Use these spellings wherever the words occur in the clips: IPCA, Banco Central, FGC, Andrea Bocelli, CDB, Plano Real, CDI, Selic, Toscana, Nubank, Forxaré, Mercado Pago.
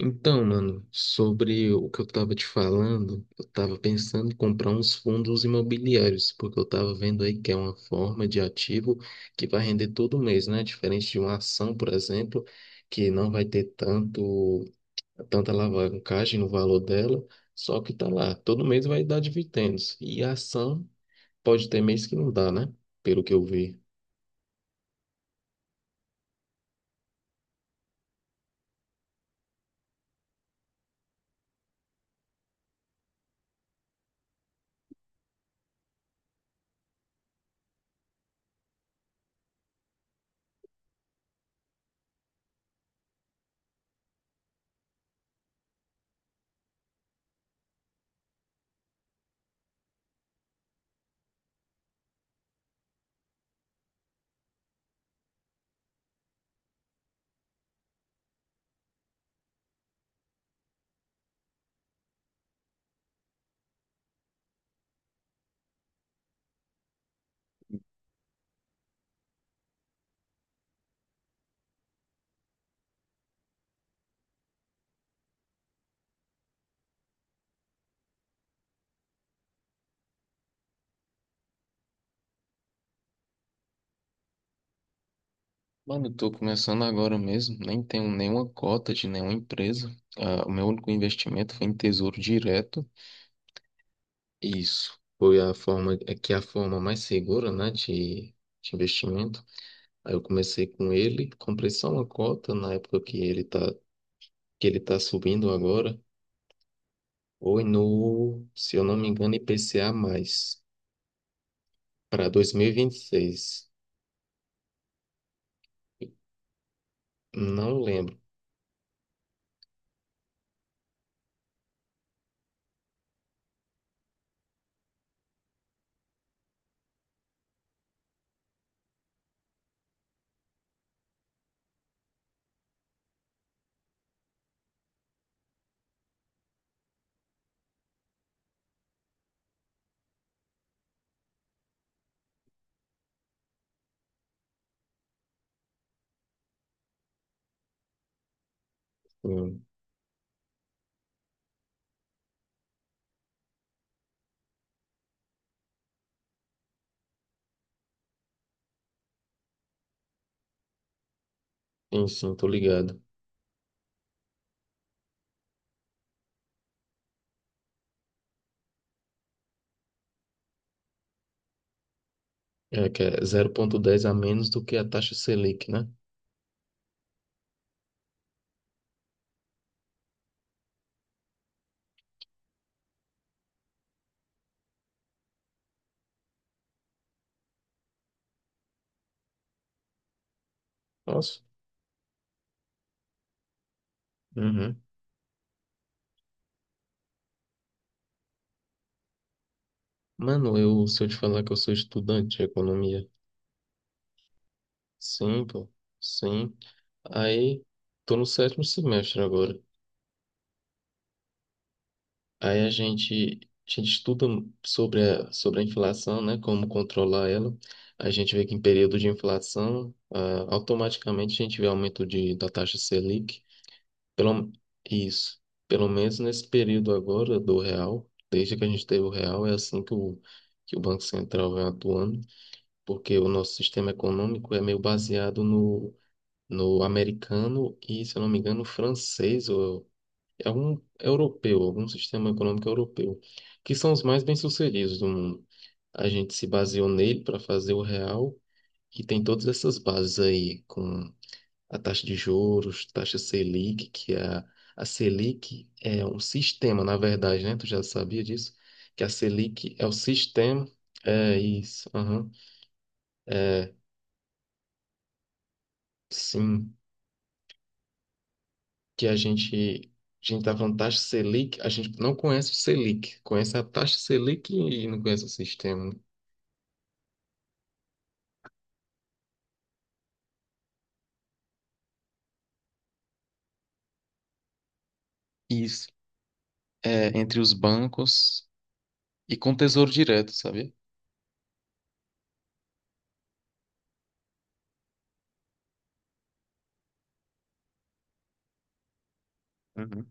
Então, mano, sobre o que eu tava te falando, eu tava pensando em comprar uns fundos imobiliários, porque eu tava vendo aí que é uma forma de ativo que vai render todo mês, né? Diferente de uma ação, por exemplo, que não vai ter tanta alavancagem no valor dela, só que tá lá, todo mês vai dar dividendos. E a ação pode ter mês que não dá, né? Pelo que eu vi. Mano, eu tô começando agora mesmo, nem tenho nenhuma cota de nenhuma empresa. Ah, o meu único investimento foi em Tesouro Direto. Isso foi a forma, é que é a forma mais segura, né, de investimento. Aí eu comecei com ele, comprei só uma cota na época que ele tá, subindo agora. Foi no, se eu não me engano, IPCA mais para 2026. Não lembro. Hum. Enfim, tô ligado. É que é 0,10 a menos do que a taxa Selic, né? Nossa. Uhum. Mano, se eu te falar que eu sou estudante de economia, sim, pô, sim. Aí, tô no sétimo semestre agora. Aí a gente, estuda sobre a inflação, né? Como controlar ela. A gente vê que em período de inflação, automaticamente a gente vê aumento da taxa Selic. Pelo, isso. Pelo menos nesse período agora do real, desde que a gente teve o real, é assim que o Banco Central vem atuando. Porque o nosso sistema econômico é meio baseado no americano e, se eu não me engano, francês ou é um europeu, algum sistema econômico europeu, que são os mais bem-sucedidos do mundo. A gente se baseou nele para fazer o real e tem todas essas bases aí, com a taxa de juros, taxa Selic. A Selic é um sistema, na verdade, né? Tu já sabia disso? Que a Selic é o sistema. É isso, aham. É, sim. Que a gente, tá falando taxa Selic, a gente não conhece o Selic, conhece a taxa Selic e não conhece o sistema. Isso. É, entre os bancos e com Tesouro Direto, sabe? Uhum.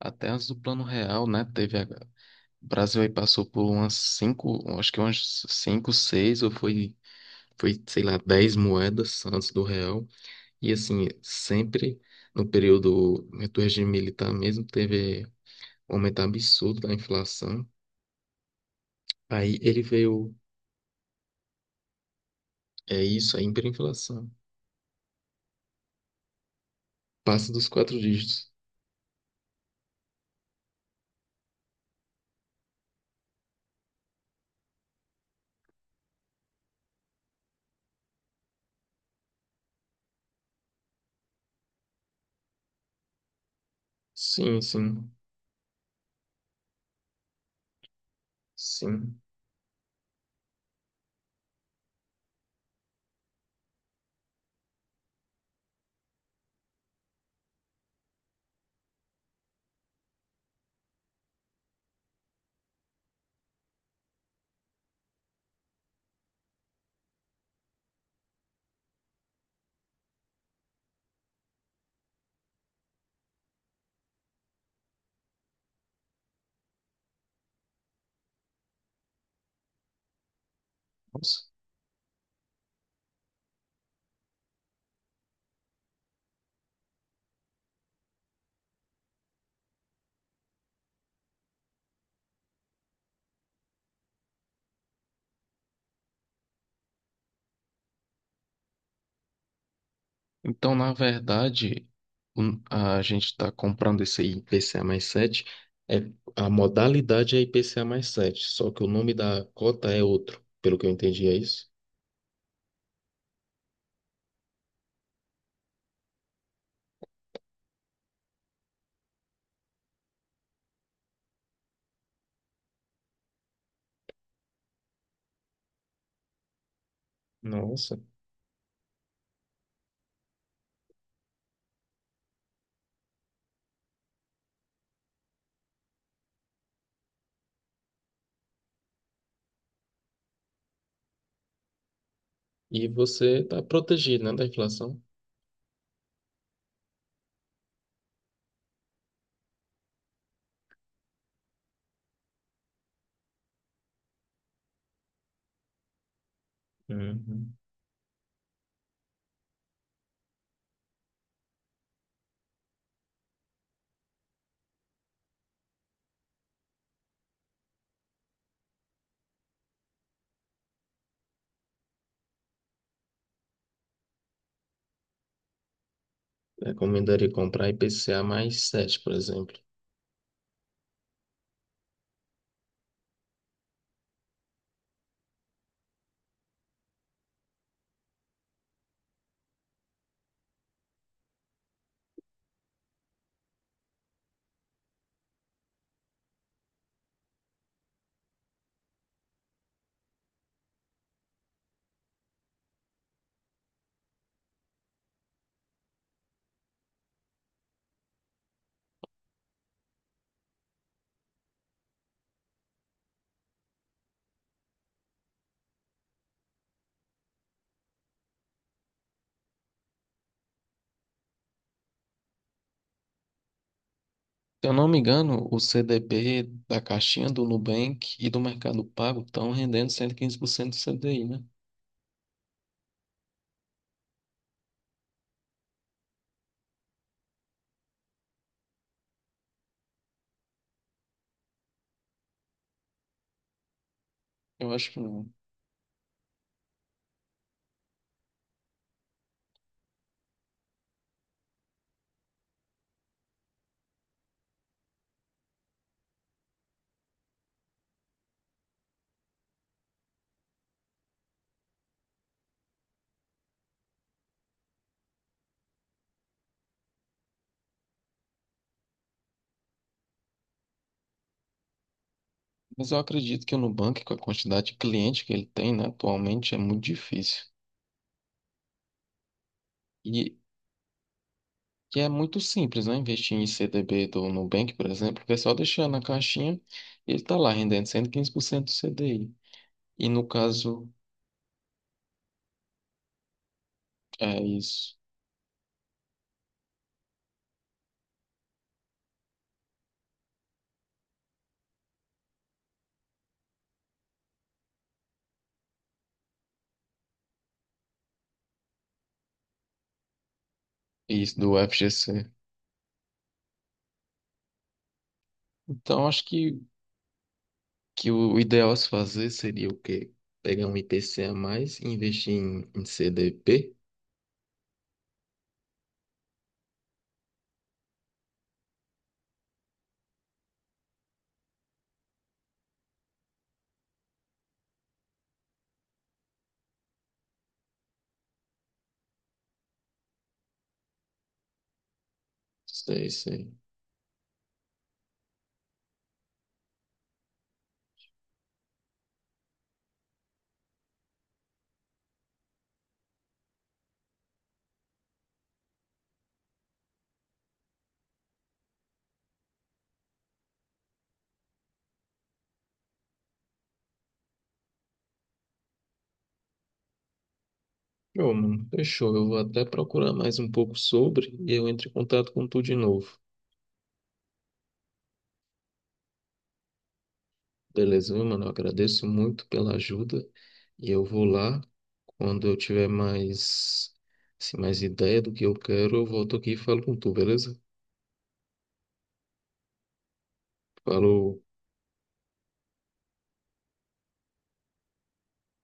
Até antes do Plano Real, né? O Brasil aí passou por umas cinco, acho que umas cinco, seis, ou foi, sei lá, 10 moedas antes do real. E assim, sempre no período do regime militar mesmo, teve um aumento absurdo da inflação. Aí ele veio. É isso, é hiperinflação. Passa dos quatro dígitos. Sim, sim, sim. Nossa. Então, na verdade, a gente está comprando esse IPCA mais 7. É, a modalidade é IPCA mais 7, só que o nome da cota é outro, pelo que eu entendi, é isso? Nossa. E você está protegido, né, da inflação? Uhum. Recomendaria comprar IPCA mais 7, por exemplo. Se eu não me engano, o CDB da caixinha do Nubank e do Mercado Pago estão rendendo 115% do CDI, né? Eu acho que não. Mas eu acredito que o Nubank, com a quantidade de cliente que ele tem, né, atualmente, é muito difícil. E, e é muito simples, né? Investir em CDB do Nubank, por exemplo, porque é só deixar na caixinha e ele está lá rendendo 115% do CDI. E no caso, é isso, isso do FGC. Então, acho que o ideal a se fazer seria o quê? Pegar um IPC a mais e investir em, CDP? Sei, sei. Pô, mano, fechou. Eu vou até procurar mais um pouco sobre e eu entro em contato com tu de novo. Beleza, viu, mano? Eu agradeço muito pela ajuda e eu vou lá. Quando eu tiver mais, assim, mais ideia do que eu quero, eu volto aqui e falo com tu, beleza? Falou.